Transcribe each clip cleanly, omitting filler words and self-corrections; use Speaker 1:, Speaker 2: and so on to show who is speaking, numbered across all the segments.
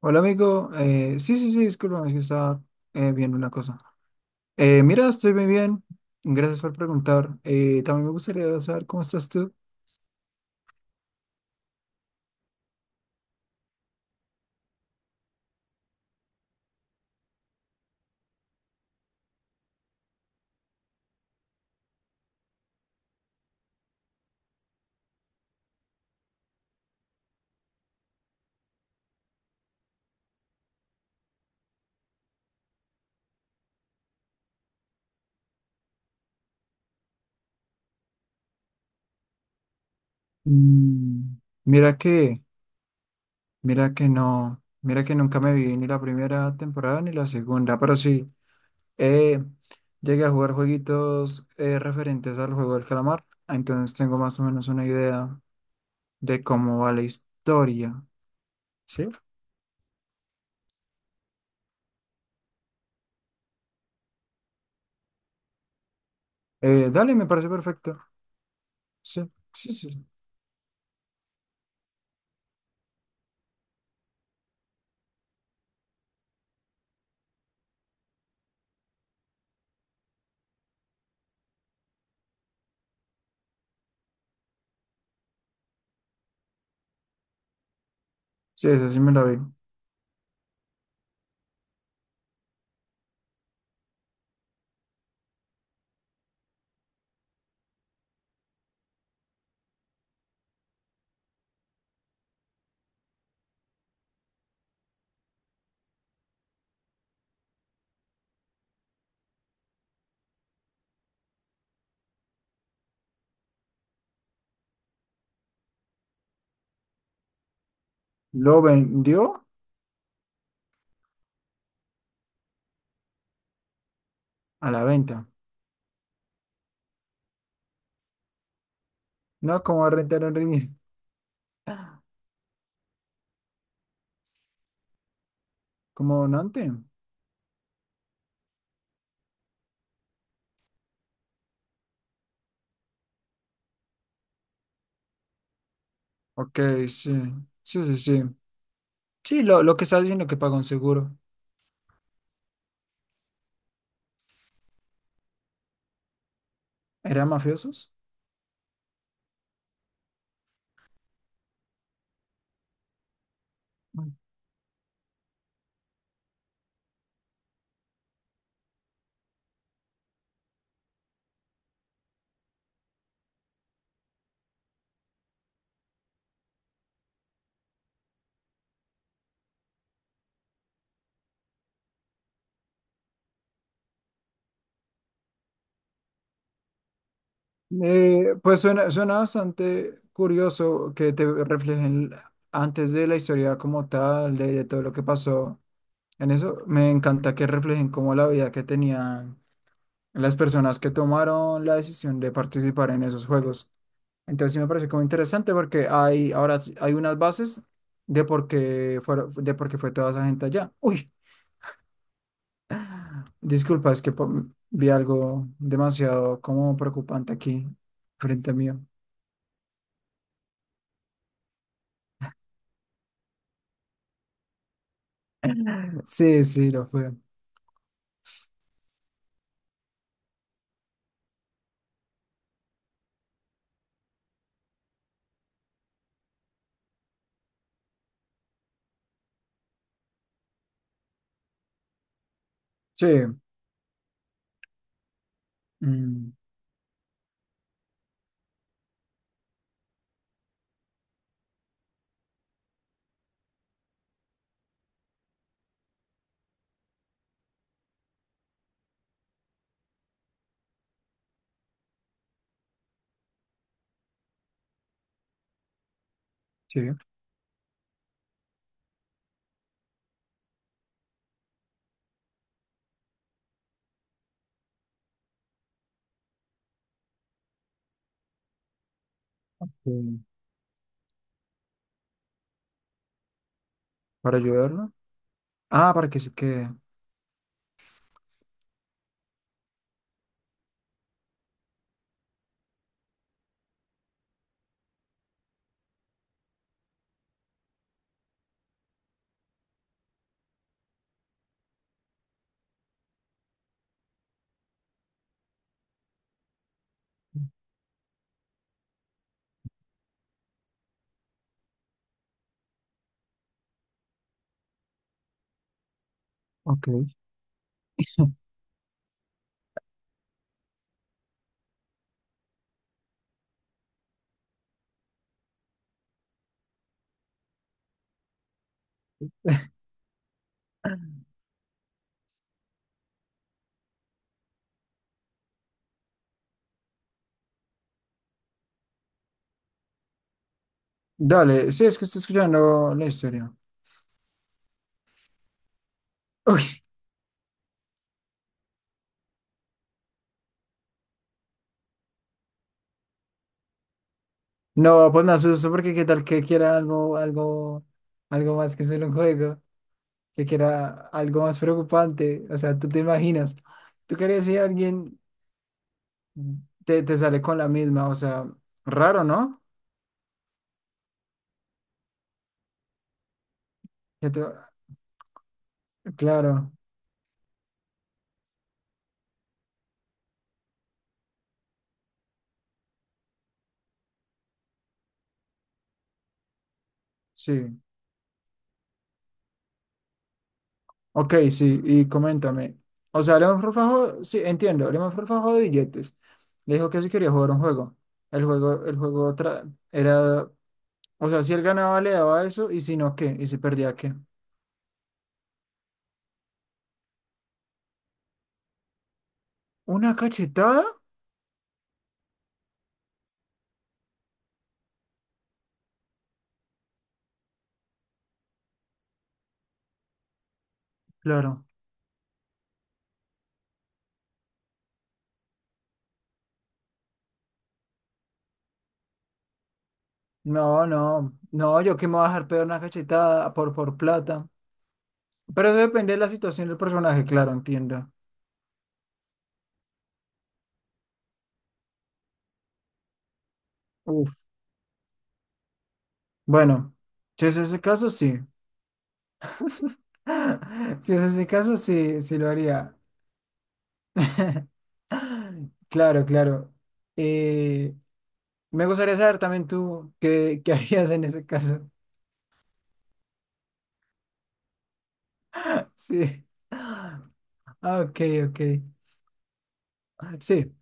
Speaker 1: Hola amigo. Sí, sí, sí, discúlpame, es que estaba viendo una cosa. Mira, estoy muy bien, gracias por preguntar. También me gustaría saber cómo estás tú. Mm, Mira que, mira que no, mira que nunca me vi ni la primera temporada ni la segunda, pero sí, eh, llegué a jugar jueguitos referentes al juego del calamar, entonces tengo más o menos una idea de cómo va la historia, ¿sí? Dale, me parece perfecto. Sí, sí, sí, sí, sí, esa sí me la vi. Lo vendió a la venta. No, como a rentar un ring como donante. Ok, sí. Sí, sí, sí. Sí, lo que está diciendo que pagó un seguro. ¿Eran mafiosos? Pues suena bastante curioso que te reflejen antes de la historia como tal, de todo lo que pasó en eso. Me encanta que reflejen como la vida que tenía las personas que tomaron la decisión de participar en esos juegos. Entonces sí me parece como interesante porque hay hay unas bases de por qué fueron, de por qué fue toda esa gente allá. Uy, disculpa, es que vi algo demasiado como preocupante aquí frente a mí. Sí, sí, lo fue. Sí, mm, sí, sí. Para ayudarlo. Ah, para que se quede. Ok. Dale, sí, es que estoy escuchando la historia. Uy, no, pues me asusto porque qué tal que quiera algo, algo más que solo un juego, que quiera algo más preocupante. O sea, tú te imaginas, tú querías si alguien te sale con la misma, o sea, raro, ¿no? ¿Que tú? Claro, sí. Ok, sí, y coméntame. O sea, León Forfajo, sí, entiendo, León Forfajo de billetes. Le dijo que sí quería jugar un juego. El juego era, o sea, si él ganaba le daba eso, y si no, ¿qué? Y si perdía, ¿qué? ¿Una cachetada? Claro. No, no, no, yo que me voy a dejar pegar una cachetada por plata. Pero eso depende de la situación del personaje, claro, entiendo. Uf. Bueno, si es ese caso, sí. Si es ese caso, sí, sí lo haría. Claro, claro. Eh, Me gustaría saber también qué harías en ese caso. Sí. Ah, ok, ok. Sí.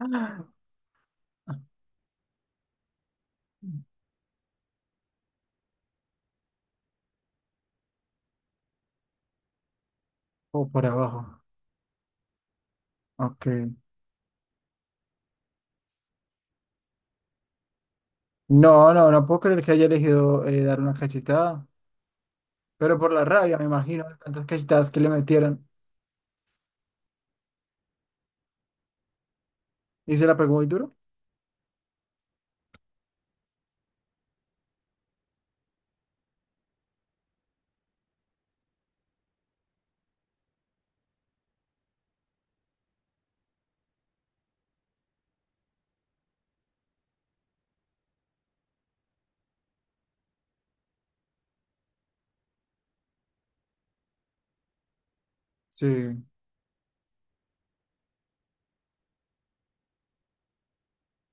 Speaker 1: O por abajo. Ok. No, no, no puedo creer que haya elegido dar una cachetada, pero por la rabia, me imagino, de tantas cachetadas que le metieron. ¿Y se la pegó muy duro? Sí.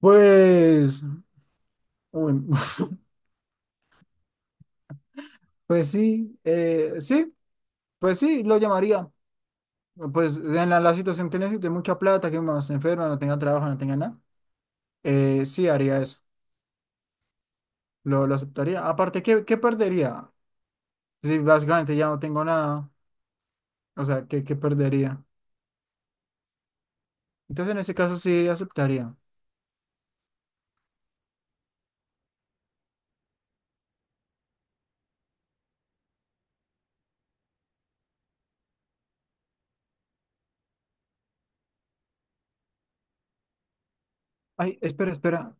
Speaker 1: Pues, uy, pues sí, sí, pues sí, lo llamaría. Pues en la situación que necesite mucha plata, que mi se enferma, no tenga trabajo, no tenga nada, sí haría eso, lo aceptaría. Aparte, qué perdería? Si básicamente ya no tengo nada, o sea, qué perdería? Entonces en ese caso sí aceptaría. Ay, espera, espera.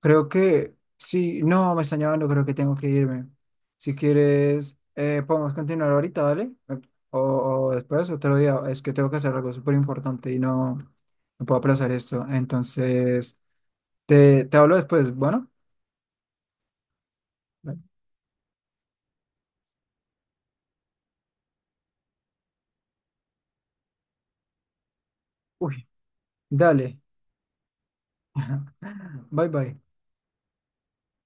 Speaker 1: Creo que sí, no, me están llamando, creo que tengo que irme. Si quieres, podemos continuar ahorita, dale. O, o después, otro día. Es que tengo que hacer algo súper importante y no, no puedo aplazar esto. Entonces, te hablo después. Bueno, uy, dale. Bye bye.